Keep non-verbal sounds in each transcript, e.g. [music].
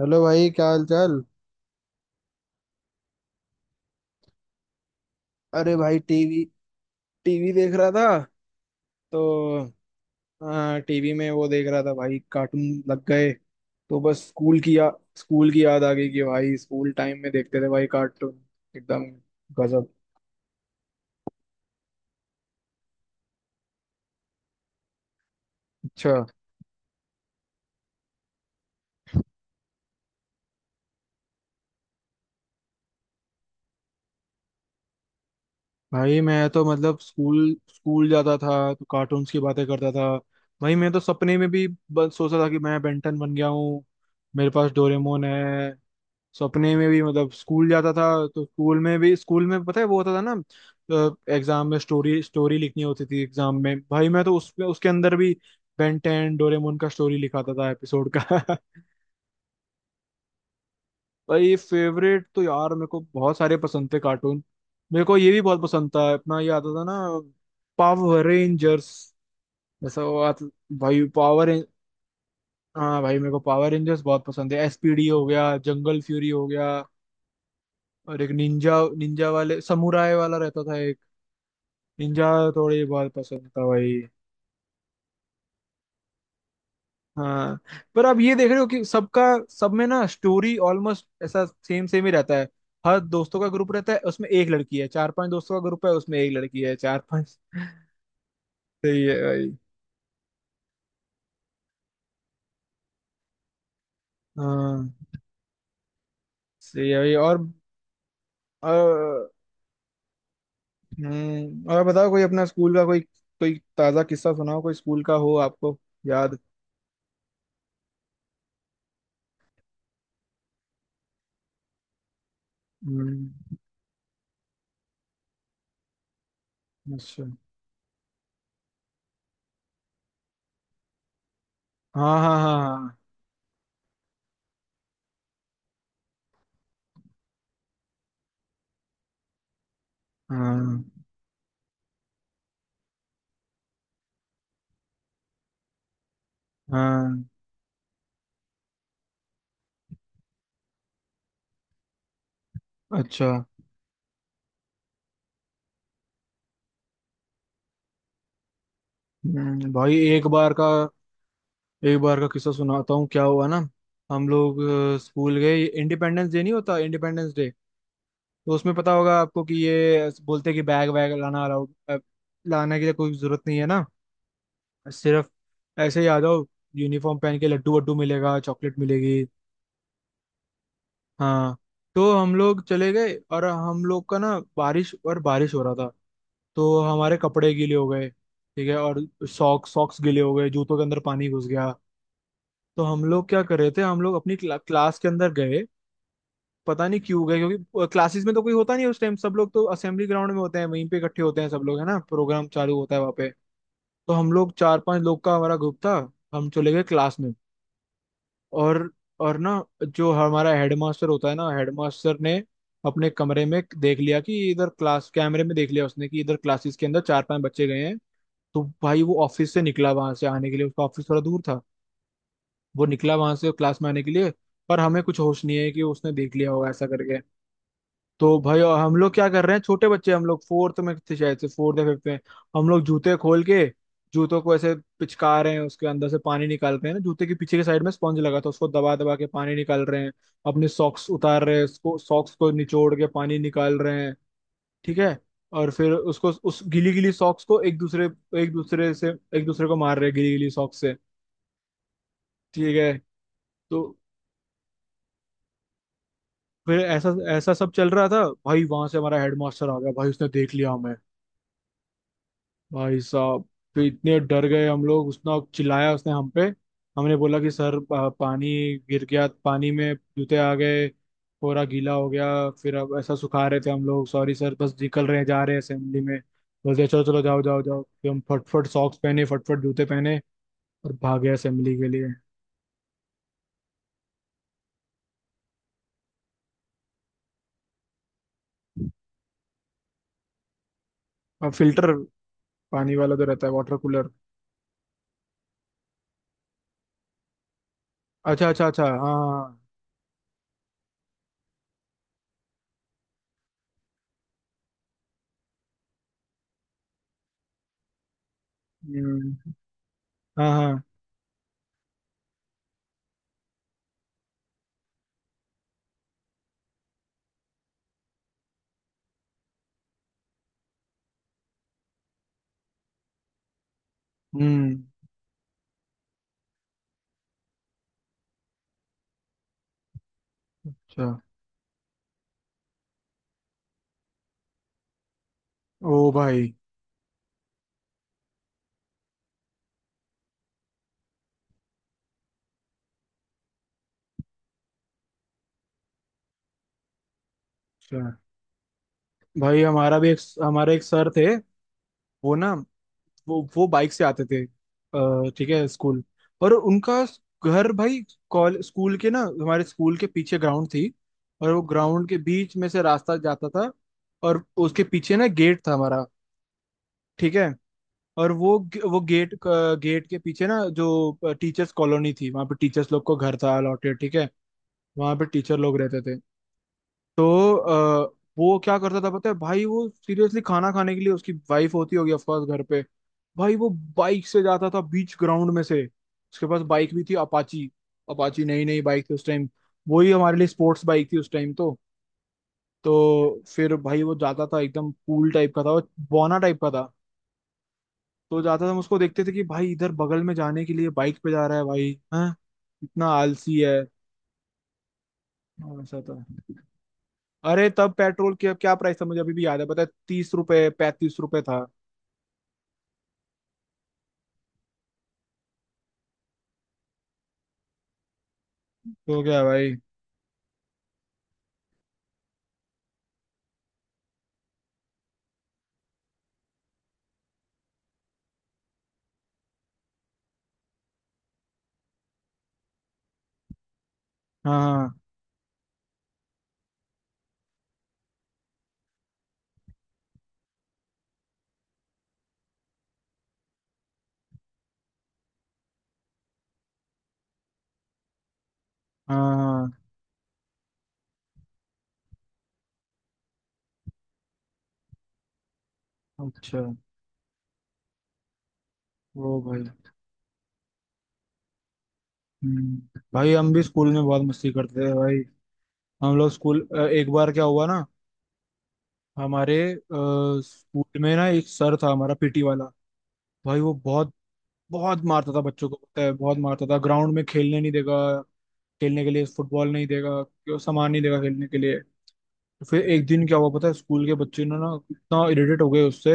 Hello भाई। क्या हाल चाल? अरे भाई, टीवी। टीवी देख रहा था तो। हाँ, टीवी में वो देख रहा था भाई, कार्टून लग गए। तो बस स्कूल की याद आ गई कि भाई स्कूल टाइम में देखते थे भाई कार्टून। एकदम गजब। अच्छा। भाई, मैं तो मतलब स्कूल स्कूल जाता था तो कार्टून्स की बातें करता था। भाई, मैं तो सपने में भी बस सोचता था कि मैं बेंटन बन गया हूँ, मेरे पास डोरेमोन है। सपने में भी मतलब स्कूल जाता था। तो स्कूल में भी, स्कूल में पता है वो होता था ना। एग्जाम में स्टोरी स्टोरी लिखनी होती थी। एग्जाम में भाई मैं तो उसमें उसके अंदर भी बेन टेन डोरेमोन का स्टोरी लिखाता था एपिसोड का। [laughs] भाई फेवरेट तो यार मेरे को बहुत सारे पसंद थे कार्टून। मेरे को ये भी बहुत पसंद था, अपना ये आता था ना, पावर रेंजर्स। ऐसा वो आता। भाई पावर हाँ, भाई मेरे को पावर रेंजर्स बहुत पसंद है, एसपीडी हो गया, जंगल फ्यूरी हो गया। और एक निंजा, निंजा वाले समुराय वाला रहता था एक, निंजा। थोड़ी बहुत पसंद था भाई। हाँ। पर आप ये देख रहे हो कि सबका सब में ना स्टोरी ऑलमोस्ट ऐसा सेम सेम ही रहता है। हर दोस्तों का ग्रुप रहता है, उसमें एक लड़की है, चार पांच दोस्तों का ग्रुप है, उसमें एक लड़की है, चार पांच। [laughs] सही है भाई। हाँ, सही है भाई। और, और बताओ, कोई अपना स्कूल का कोई कोई ताजा किस्सा सुनाओ, कोई स्कूल का हो आपको याद। हम्म। अच्छा। हाँ हाँ हाँ। हाँ हाँ हाँ। अच्छा। हम्म। भाई, एक बार का किस्सा सुनाता हूँ, क्या हुआ ना। हम लोग स्कूल गए, इंडिपेंडेंस डे नहीं होता इंडिपेंडेंस डे। तो उसमें पता होगा आपको कि ये बोलते हैं कि बैग वैग लाना अलाउड, लाने की तो कोई जरूरत नहीं है ना, सिर्फ ऐसे ही आ जाओ, यूनिफॉर्म पहन के लड्डू वड्डू मिलेगा, चॉकलेट मिलेगी। हाँ। तो हम लोग चले गए और हम लोग का ना बारिश और बारिश हो रहा था। तो हमारे कपड़े गीले हो गए, ठीक है, और सॉक्स सॉक्स गीले हो गए, जूतों के अंदर पानी घुस गया। तो हम लोग क्या कर रहे थे, हम लोग अपनी क्लास के अंदर गए। पता नहीं क्यों गए, क्योंकि क्लासेस में तो कोई होता नहीं उस टाइम, सब लोग तो असेंबली ग्राउंड में होते हैं, वहीं पे इकट्ठे होते हैं सब लोग, है ना, प्रोग्राम चालू होता है वहाँ पे। तो हम लोग चार पांच लोग का हमारा ग्रुप था, हम चले गए क्लास में। और और ना, जो हमारा हेडमास्टर होता है ना, हेडमास्टर ने अपने कमरे में देख लिया कि इधर, क्लास कैमरे में देख लिया उसने कि इधर क्लासेस के अंदर चार पांच बच्चे गए हैं। तो भाई वो ऑफिस से निकला वहां से आने के लिए, उसका ऑफिस थोड़ा दूर था। वो निकला वहां से क्लास में आने के लिए, पर हमें कुछ होश नहीं है कि उसने देख लिया होगा ऐसा करके। तो भाई और हम लोग क्या कर रहे हैं, छोटे बच्चे हम लोग फोर्थ में थे शायद से, फोर्थ या फिफ्थ में। हम लोग जूते खोल के जूतों को ऐसे पिचका रहे हैं, उसके अंदर से पानी निकालते हैं ना, जूते के पीछे के साइड में स्पंज लगा था, उसको दबा दबा के पानी निकाल रहे हैं, अपने सॉक्स उतार रहे हैं, उसको सॉक्स को निचोड़ के पानी निकाल रहे हैं। ठीक है। और फिर उसको उस गीली गीली सॉक्स को एक दूसरे से एक दूसरे को मार रहे हैं गीली गीली सॉक्स से। ठीक है। तो फिर ऐसा ऐसा सब चल रहा था भाई, वहां से हमारा हेडमास्टर आ गया भाई, उसने देख लिया हमें। भाई साहब, तो इतने डर गए हम लोग, उसने चिल्लाया, उसने हम पे। हमने बोला कि सर, पानी गिर गया, पानी में जूते आ गए, पूरा गीला हो गया, फिर अब ऐसा सुखा रहे थे हम लोग, सॉरी सर, बस निकल रहे हैं, जा रहे हैं असेंबली में। बोलते चलो चलो, जाओ जाओ जाओ। फिर हम फटफट सॉक्स पहने, फटफट जूते पहने और भागे असेंबली के लिए। और फिल्टर पानी वाला तो रहता है, वाटर कूलर। अच्छा अच्छा अच्छा। हाँ हाँ। हम्म। हाँ हाँ। हम्म। अच्छा। ओ भाई। अच्छा। भाई, हमारा भी एक हमारे एक सर थे। वो ना, वो बाइक से आते थे, ठीक है, स्कूल। और उनका घर भाई, कॉल स्कूल के ना हमारे स्कूल के पीछे ग्राउंड थी। और वो ग्राउंड के बीच में से रास्ता जाता था। और उसके पीछे ना गेट था हमारा, ठीक है। और वो गेट गेट के पीछे ना जो टीचर्स कॉलोनी थी, वहां पे टीचर्स लोग को घर था अलॉटेड, ठीक है, वहां पे टीचर लोग रहते थे। तो वो क्या करता था पता है भाई, वो सीरियसली, खाना खाने के लिए उसकी वाइफ होती होगी ऑफकोर्स घर पे, भाई वो बाइक से जाता था बीच ग्राउंड में से। उसके पास बाइक भी थी अपाची, अपाची नई नई बाइक थी उस टाइम। वही हमारे लिए स्पोर्ट्स बाइक थी उस टाइम। तो फिर भाई वो जाता था, एकदम कूल टाइप का था वो, बौना टाइप का था। तो जाता था, हम उसको देखते थे कि भाई इधर बगल में जाने के लिए बाइक पे जा रहा है भाई, हाँ, इतना आलसी है। हाँ, ऐसा था। अरे, तब पेट्रोल की क्या प्राइस था, मुझे अभी भी याद है, पता है, 30 रुपए, 35 रुपए था। तो क्या भाई। हाँ हाँ हाँ। हाँ। अच्छा। वो भाई। हम्म। भाई हम भी स्कूल में बहुत मस्ती करते थे भाई। हम लोग स्कूल, एक बार क्या हुआ ना, हमारे स्कूल में ना एक सर था हमारा पीटी वाला। भाई, वो बहुत बहुत मारता था बच्चों को, पता है, बहुत मारता था। ग्राउंड में खेलने नहीं देगा, खेलने के लिए फुटबॉल नहीं देगा, क्यों सामान नहीं देगा खेलने के लिए। तो फिर एक दिन क्या हुआ पता है, स्कूल के बच्चे ने ना इतना इरिटेट हो गए उससे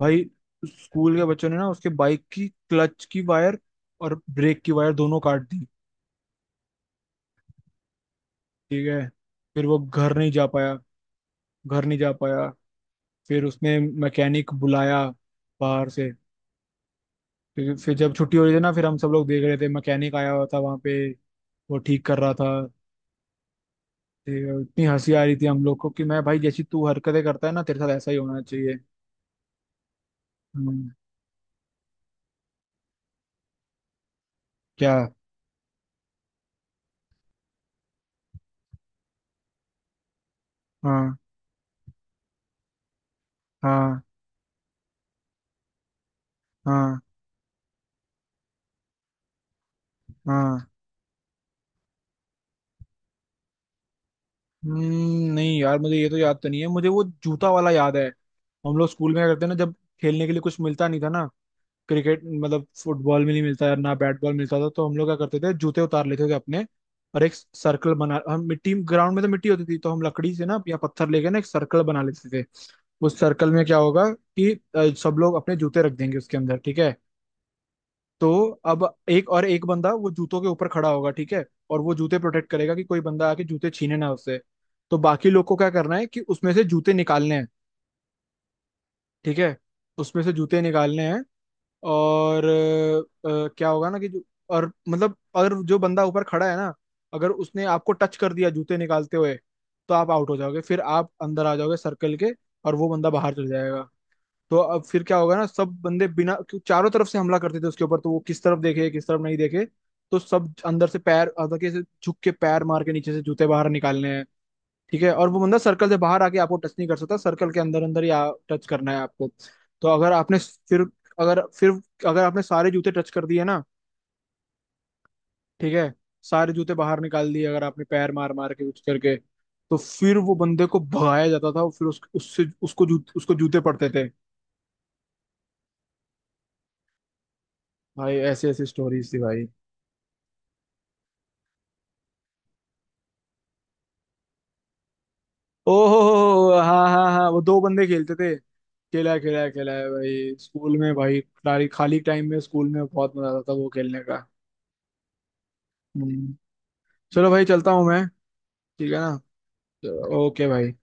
भाई, स्कूल के बच्चों ने ना उसके बाइक की क्लच की वायर और ब्रेक की वायर दोनों काट दी, ठीक है। फिर वो घर नहीं जा पाया, घर नहीं जा पाया। फिर उसने मैकेनिक बुलाया बाहर से। फिर जब छुट्टी हो रही थी ना, फिर हम सब लोग देख रहे थे मैकेनिक आया हुआ था वहां पे, वो ठीक कर रहा था। ठीक है, इतनी हंसी आ रही थी हम लोग को कि मैं भाई, जैसी तू हरकतें करता है ना तेरे साथ ऐसा ही होना चाहिए। हम्म। क्या? हाँ हाँ हाँ। हाँ। हम्म। नहीं यार, मुझे ये तो याद तो नहीं है, मुझे वो जूता वाला याद है। हम लोग स्कूल में क्या करते ना, जब खेलने के लिए कुछ मिलता नहीं था ना, क्रिकेट मतलब फुटबॉल में नहीं मिलता यार ना, बैट बॉल मिलता था, तो हम लोग क्या करते थे जूते उतार लेते थे अपने। और एक सर्कल बना, हम मिट्टी ग्राउंड में, तो मिट्टी होती थी तो हम लकड़ी से ना या पत्थर लेके ना एक सर्कल बना लेते थे। उस सर्कल में क्या होगा कि सब लोग अपने जूते रख देंगे उसके अंदर, ठीक है। तो अब एक बंदा वो जूतों के ऊपर खड़ा होगा, ठीक है, और वो जूते प्रोटेक्ट करेगा कि कोई बंदा आके जूते छीने ना उससे। तो बाकी लोग को क्या करना है कि उसमें से जूते निकालने हैं, ठीक है, उसमें से जूते निकालने हैं। और क्या होगा ना कि जो- और मतलब और जो बंदा ऊपर खड़ा है ना, अगर उसने आपको टच कर दिया जूते निकालते हुए, तो आप आउट हो जाओगे, फिर आप अंदर आ जाओगे सर्कल के, और वो बंदा बाहर चल जाएगा। तो अब फिर क्या होगा ना, सब बंदे बिना क्यों- चारों तरफ से हमला करते थे उसके ऊपर, तो वो किस तरफ देखे किस तरफ नहीं देखे। तो सब अंदर से पैर अंदर के से झुक के पैर मार के नीचे से जूते बाहर निकालने हैं, ठीक है। और वो बंदा सर्कल से बाहर आके आपको टच नहीं कर सकता, सर्कल के अंदर अंदर ही टच करना है आपको। तो अगर आपने फिर फिर अगर आपने सारे जूते टच कर दिए ना, ठीक है, सारे जूते बाहर निकाल दिए अगर आपने पैर मार मार के कुछ करके, तो फिर वो बंदे को भगाया जाता था। और फिर उससे उसको जूते पड़ते थे। भाई ऐसी ऐसी स्टोरीज थी भाई। ओहो, हाँ हाँ हाँ, वो दो बंदे खेलते थे, खेला है, खेला है, खेला है भाई स्कूल में भाई। खाली खाली टाइम में स्कूल में बहुत मजा आता था वो खेलने का। हम्म। चलो भाई, चलता हूँ मैं, ठीक है ना। ओके भाई।